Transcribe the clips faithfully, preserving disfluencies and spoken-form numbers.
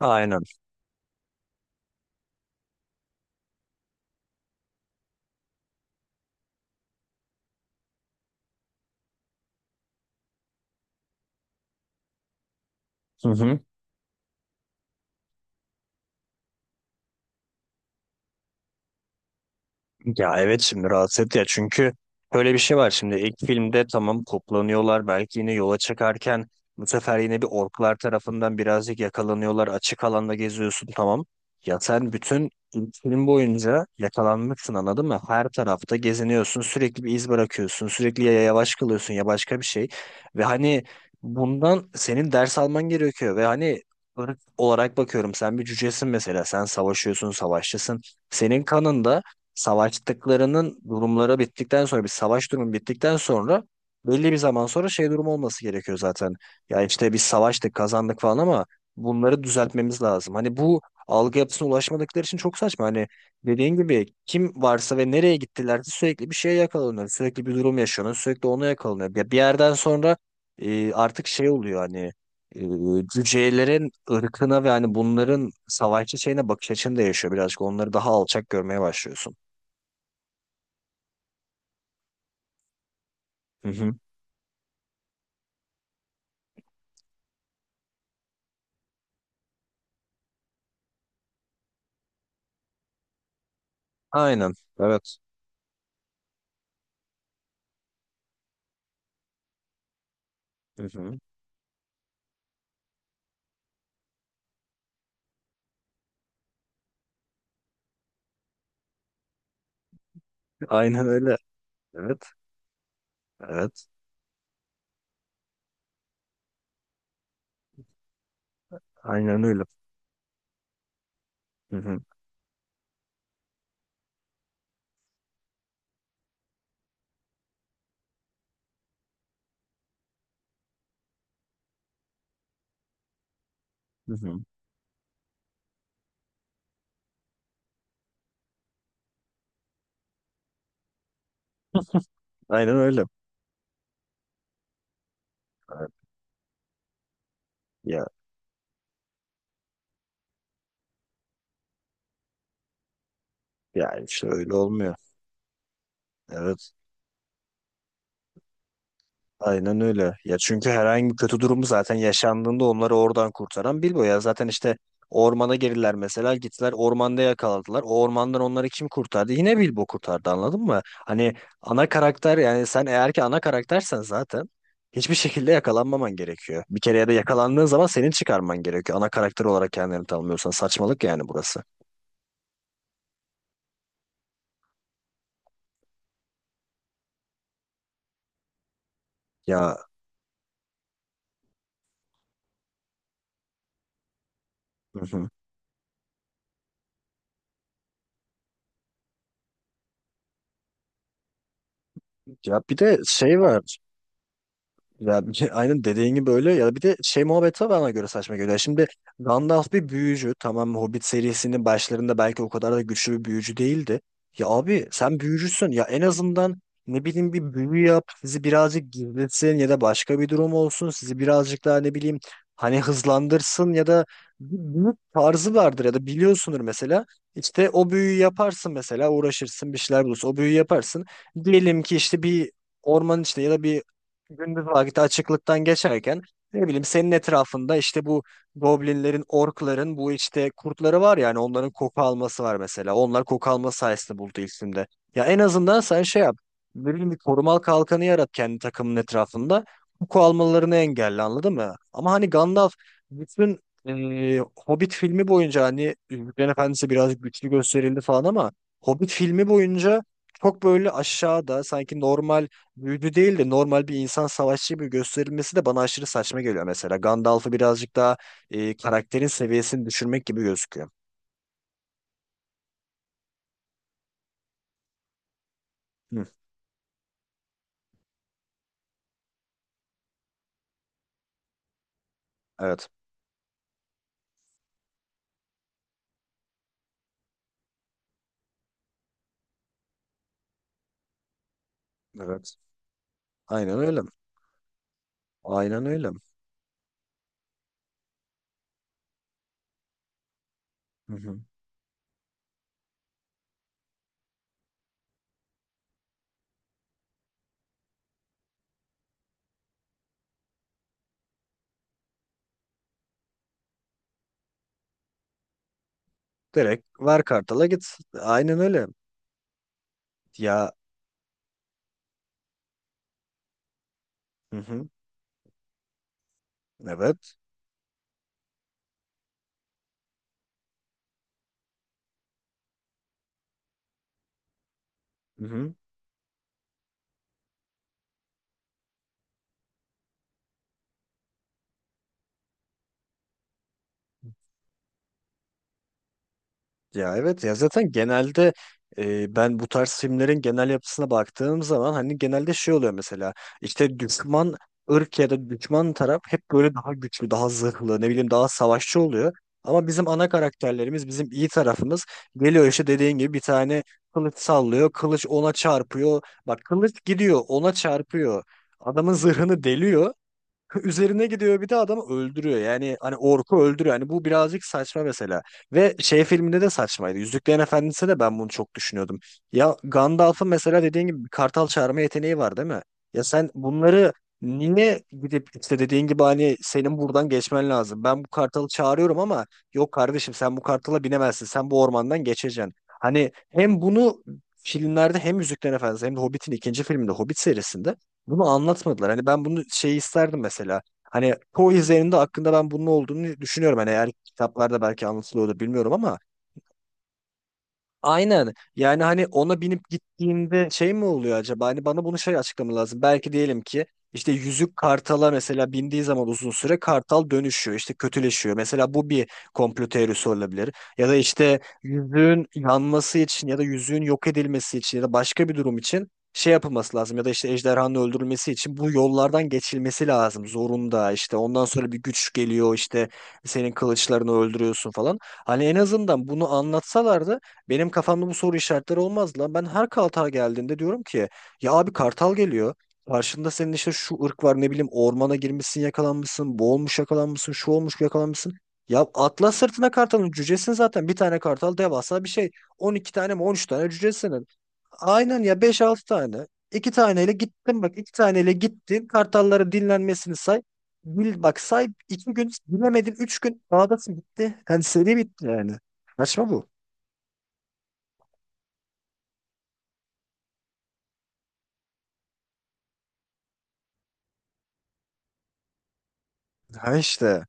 Aynen. Hı hı. Ya evet, şimdi rahatsız etti ya, çünkü böyle bir şey var. Şimdi ilk filmde tamam, toplanıyorlar belki yine yola çıkarken, bu sefer yine bir orklar tarafından birazcık yakalanıyorlar. Açık alanda geziyorsun tamam, ya sen bütün ilk film boyunca yakalanmışsın, anladın mı? Her tarafta geziniyorsun, sürekli bir iz bırakıyorsun, sürekli ya yavaş kalıyorsun ya başka bir şey. Ve hani bundan senin ders alman gerekiyor. Ve hani ırk olarak bakıyorum, sen bir cücesin mesela, sen savaşıyorsun, savaşçısın, senin kanında savaştıklarının durumları bittikten sonra, bir savaş durumu bittikten sonra belli bir zaman sonra şey durumu olması gerekiyor zaten. Ya işte biz savaştık, kazandık falan, ama bunları düzeltmemiz lazım. Hani bu algı yapısına ulaşmadıkları için çok saçma. Hani dediğin gibi kim varsa ve nereye gittilerse sürekli bir şeye yakalanıyor. Sürekli bir durum yaşanıyor. Sürekli ona yakalanıyor. Ya bir yerden sonra e, artık şey oluyor, hani e, cücelerin ırkına ve hani bunların savaşçı şeyine bakış açın değişiyor birazcık. Onları daha alçak görmeye başlıyorsun. Hı hı. Aynen. Evet. Hı hı. Aynen öyle. Evet. Evet. Aynen öyle. Hı hı. Hı hı. Aynen öyle. Evet. Ya yani işte öyle olmuyor. Evet. Aynen öyle. Ya çünkü herhangi bir kötü durumu zaten yaşandığında onları oradan kurtaran Bilbo ya. Zaten işte ormana girdiler mesela, gittiler ormanda yakaladılar. O ormandan onları kim kurtardı? Yine Bilbo kurtardı, anladın mı? Hani ana karakter, yani sen eğer ki ana karaktersen, zaten hiçbir şekilde yakalanmaman gerekiyor. Bir kere ya da yakalandığın zaman senin çıkarman gerekiyor. Ana karakter olarak kendini tanımlıyorsan saçmalık yani burası. Ya, hı hı. Ya bir de şey var. Ya bir şey- aynen dediğin gibi, öyle ya, bir de şey muhabbeti var, bana göre saçma geliyor. Şimdi Gandalf bir büyücü tamam, Hobbit serisinin başlarında belki o kadar da güçlü bir büyücü değildi. Ya abi sen büyücüsün ya, en azından ne bileyim, bir büyü yap sizi birazcık gizletsin, ya da başka bir durum olsun sizi birazcık daha ne bileyim, hani hızlandırsın, ya da bir büyü tarzı vardır ya da biliyorsundur mesela. İşte o büyüyü yaparsın, mesela uğraşırsın, bir şeyler bulursun, o büyüyü yaparsın. Diyelim ki işte bir ormanın içinde ya da bir gündüz vakti açıklıktan geçerken, ne bileyim senin etrafında işte bu goblinlerin, orkların, bu işte kurtları var, yani onların koku alması var mesela. Onlar koku alma sayesinde buldu isimde. Ya en azından sen şey yap. Ne bileyim, bir korumal kalkanı yarat kendi takımın etrafında. Koku almalarını engelle, anladın mı? Ama hani Gandalf bütün e, Hobbit filmi boyunca, hani Yüzüklerin Efendisi biraz güçlü gösterildi falan ama Hobbit filmi boyunca çok böyle aşağıda, sanki normal büyücü değil de normal bir insan savaşçı gibi gösterilmesi de bana aşırı saçma geliyor mesela. Gandalf'ı birazcık daha e, karakterin seviyesini düşürmek gibi gözüküyor. Hı, evet. Evet. Aynen öyle. Aynen öyle. Hı hı. Direkt ver kartala git. Aynen öyle. Ya, hı hı. Evet. Hı hı. Ya evet, ya zaten genelde e, ben bu tarz filmlerin genel yapısına baktığım zaman hani genelde şey oluyor mesela, işte düşman ırk ya da düşman taraf hep böyle daha güçlü, daha zırhlı, ne bileyim daha savaşçı oluyor. Ama bizim ana karakterlerimiz, bizim iyi tarafımız geliyor, işte dediğin gibi bir tane kılıç sallıyor, kılıç ona çarpıyor. Bak, kılıç gidiyor, ona çarpıyor. Adamın zırhını deliyor. Üzerine gidiyor bir de, adamı öldürüyor. Yani hani orku öldürüyor. Hani bu birazcık saçma mesela. Ve şey filminde de saçmaydı. Yüzüklerin Efendisi de, ben bunu çok düşünüyordum. Ya Gandalf'ın mesela dediğin gibi bir kartal çağırma yeteneği var değil mi? Ya sen bunları niye gidip, işte dediğin gibi hani senin buradan geçmen lazım. Ben bu kartalı çağırıyorum ama yok kardeşim, sen bu kartala binemezsin. Sen bu ormandan geçeceksin. Hani hem bunu filmlerde, hem Yüzüklerin Efendisi, hem de Hobbit'in ikinci filminde, Hobbit serisinde bunu anlatmadılar. Hani ben bunu şey isterdim mesela. Hani çoğu izlerinde hakkında ben bunun olduğunu düşünüyorum. Hani eğer kitaplarda belki anlatılıyordur bilmiyorum ama. Aynen. Yani hani ona binip gittiğinde şey mi oluyor acaba? Hani bana bunu şey açıklama lazım. Belki diyelim ki işte yüzük kartala mesela bindiği zaman uzun süre kartal dönüşüyor, işte kötüleşiyor. Mesela bu bir komplo teorisi olabilir. Ya da işte yüzüğün yanması için ya da yüzüğün yok edilmesi için ya da başka bir durum için şey yapılması lazım. Ya da işte ejderhanın öldürülmesi için bu yollardan geçilmesi lazım. Zorunda, işte ondan sonra bir güç geliyor, işte senin kılıçlarını öldürüyorsun falan. Hani en azından bunu anlatsalardı benim kafamda bu soru işaretleri olmaz lan. Ben her Kartal geldiğinde diyorum ki ya abi, Kartal geliyor. Karşında senin işte şu ırk var, ne bileyim, ormana girmişsin yakalanmışsın, boğulmuş yakalanmışsın, şu olmuş yakalanmışsın. Ya atla sırtına kartalın, cücesin zaten. Bir tane kartal devasa bir şey. On iki tane mi, on üç tane cücesin. Aynen ya, beş altı tane. iki taneyle gittin, bak iki taneyle gittin. Kartalların dinlenmesini say. Bil bak, say iki gün, bilemedin üç gün dağdasın, bitti. Yani seri bitti yani. Saçma bu. Ha işte.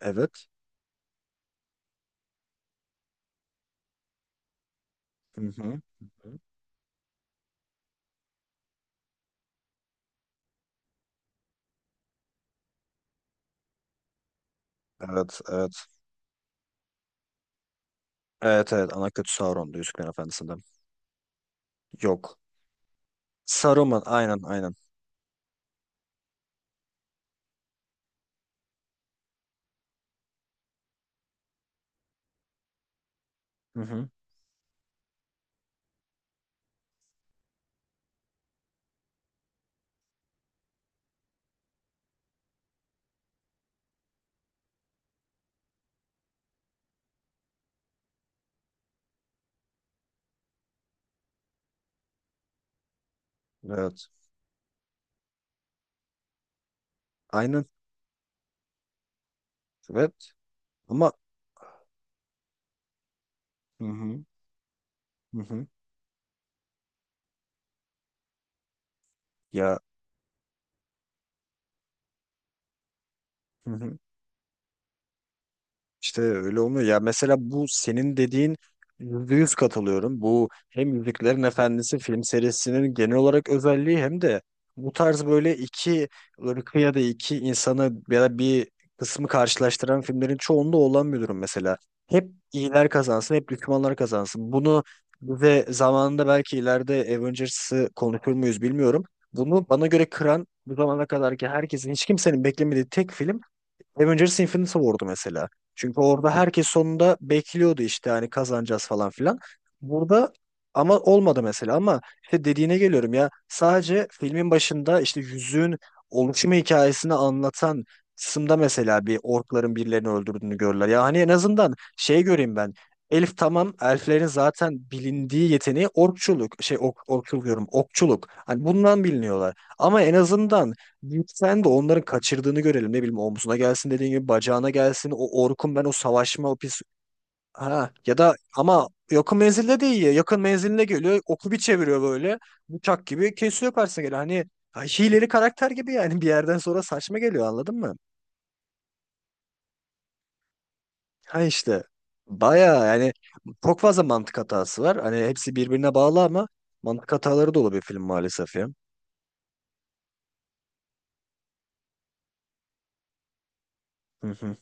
Evet. Hı hı. Hı hı. Evet, evet. Evet, evet. Ana kötü Sauron'du Yüzüklerin Efendisi'nde. Yok. Saruman, aynen, aynen. Hı hı. Evet. Aynen. Evet. Ama hı hı. Hı hı. Ya hı hı. İşte öyle olmuyor. Ya mesela bu senin dediğin, yüzde yüz katılıyorum. Bu hem Yüzüklerin Efendisi film serisinin genel olarak özelliği, hem de bu tarz böyle iki ırkı ya da iki insanı ya da bir kısmı karşılaştıran filmlerin çoğunda olan bir durum mesela. Hep iyiler kazansın, hep düşmanlar kazansın. Bunu, ve zamanında belki ileride Avengers'ı konuşur muyuz bilmiyorum. Bunu bana göre kıran, bu zamana kadarki herkesin, hiç kimsenin beklemediği tek film Avengers Infinity War'du mesela. Çünkü orada herkes sonunda bekliyordu, işte hani kazanacağız falan filan. Burada ama olmadı mesela, ama işte dediğine geliyorum, ya sadece filmin başında işte yüzüğün oluşumu hikayesini anlatan kısımda mesela bir orkların birilerini öldürdüğünü görürler. Ya hani en azından şey göreyim ben. Elif tamam, elflerin zaten bilindiği yeteneği orkçuluk, şey ok, orkçuluk diyorum, okçuluk. Hani bundan biliniyorlar. Ama en azından sen de onların kaçırdığını görelim. Ne bileyim omzuna gelsin, dediğin gibi bacağına gelsin. O Orkun, ben o savaşma, o pis... Ha, ya da ama yakın menzilde değil ya. Yakın menziline geliyor. Oku bir çeviriyor böyle. Bıçak gibi kesiyor, karşısına geliyor. Hani ha, hileli karakter gibi yani, bir yerden sonra saçma geliyor, anladın mı? Ha işte. Baya yani çok fazla mantık hatası var. Hani hepsi birbirine bağlı ama mantık hataları dolu bir film maalesef ya. Hı hı.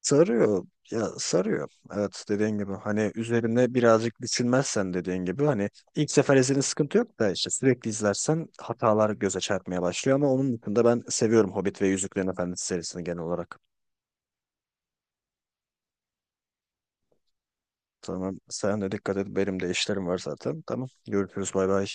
Sarıyor. Ya sarıyor. Evet dediğin gibi, hani üzerine birazcık düşünmezsen, dediğin gibi hani ilk sefer izlediğin sıkıntı yok da, işte sürekli izlersen hatalar göze çarpmaya başlıyor, ama onun dışında ben seviyorum Hobbit ve Yüzüklerin Efendisi serisini genel olarak. Tamam, sen de dikkat et, benim de işlerim var zaten. Tamam, görüşürüz, bay bay.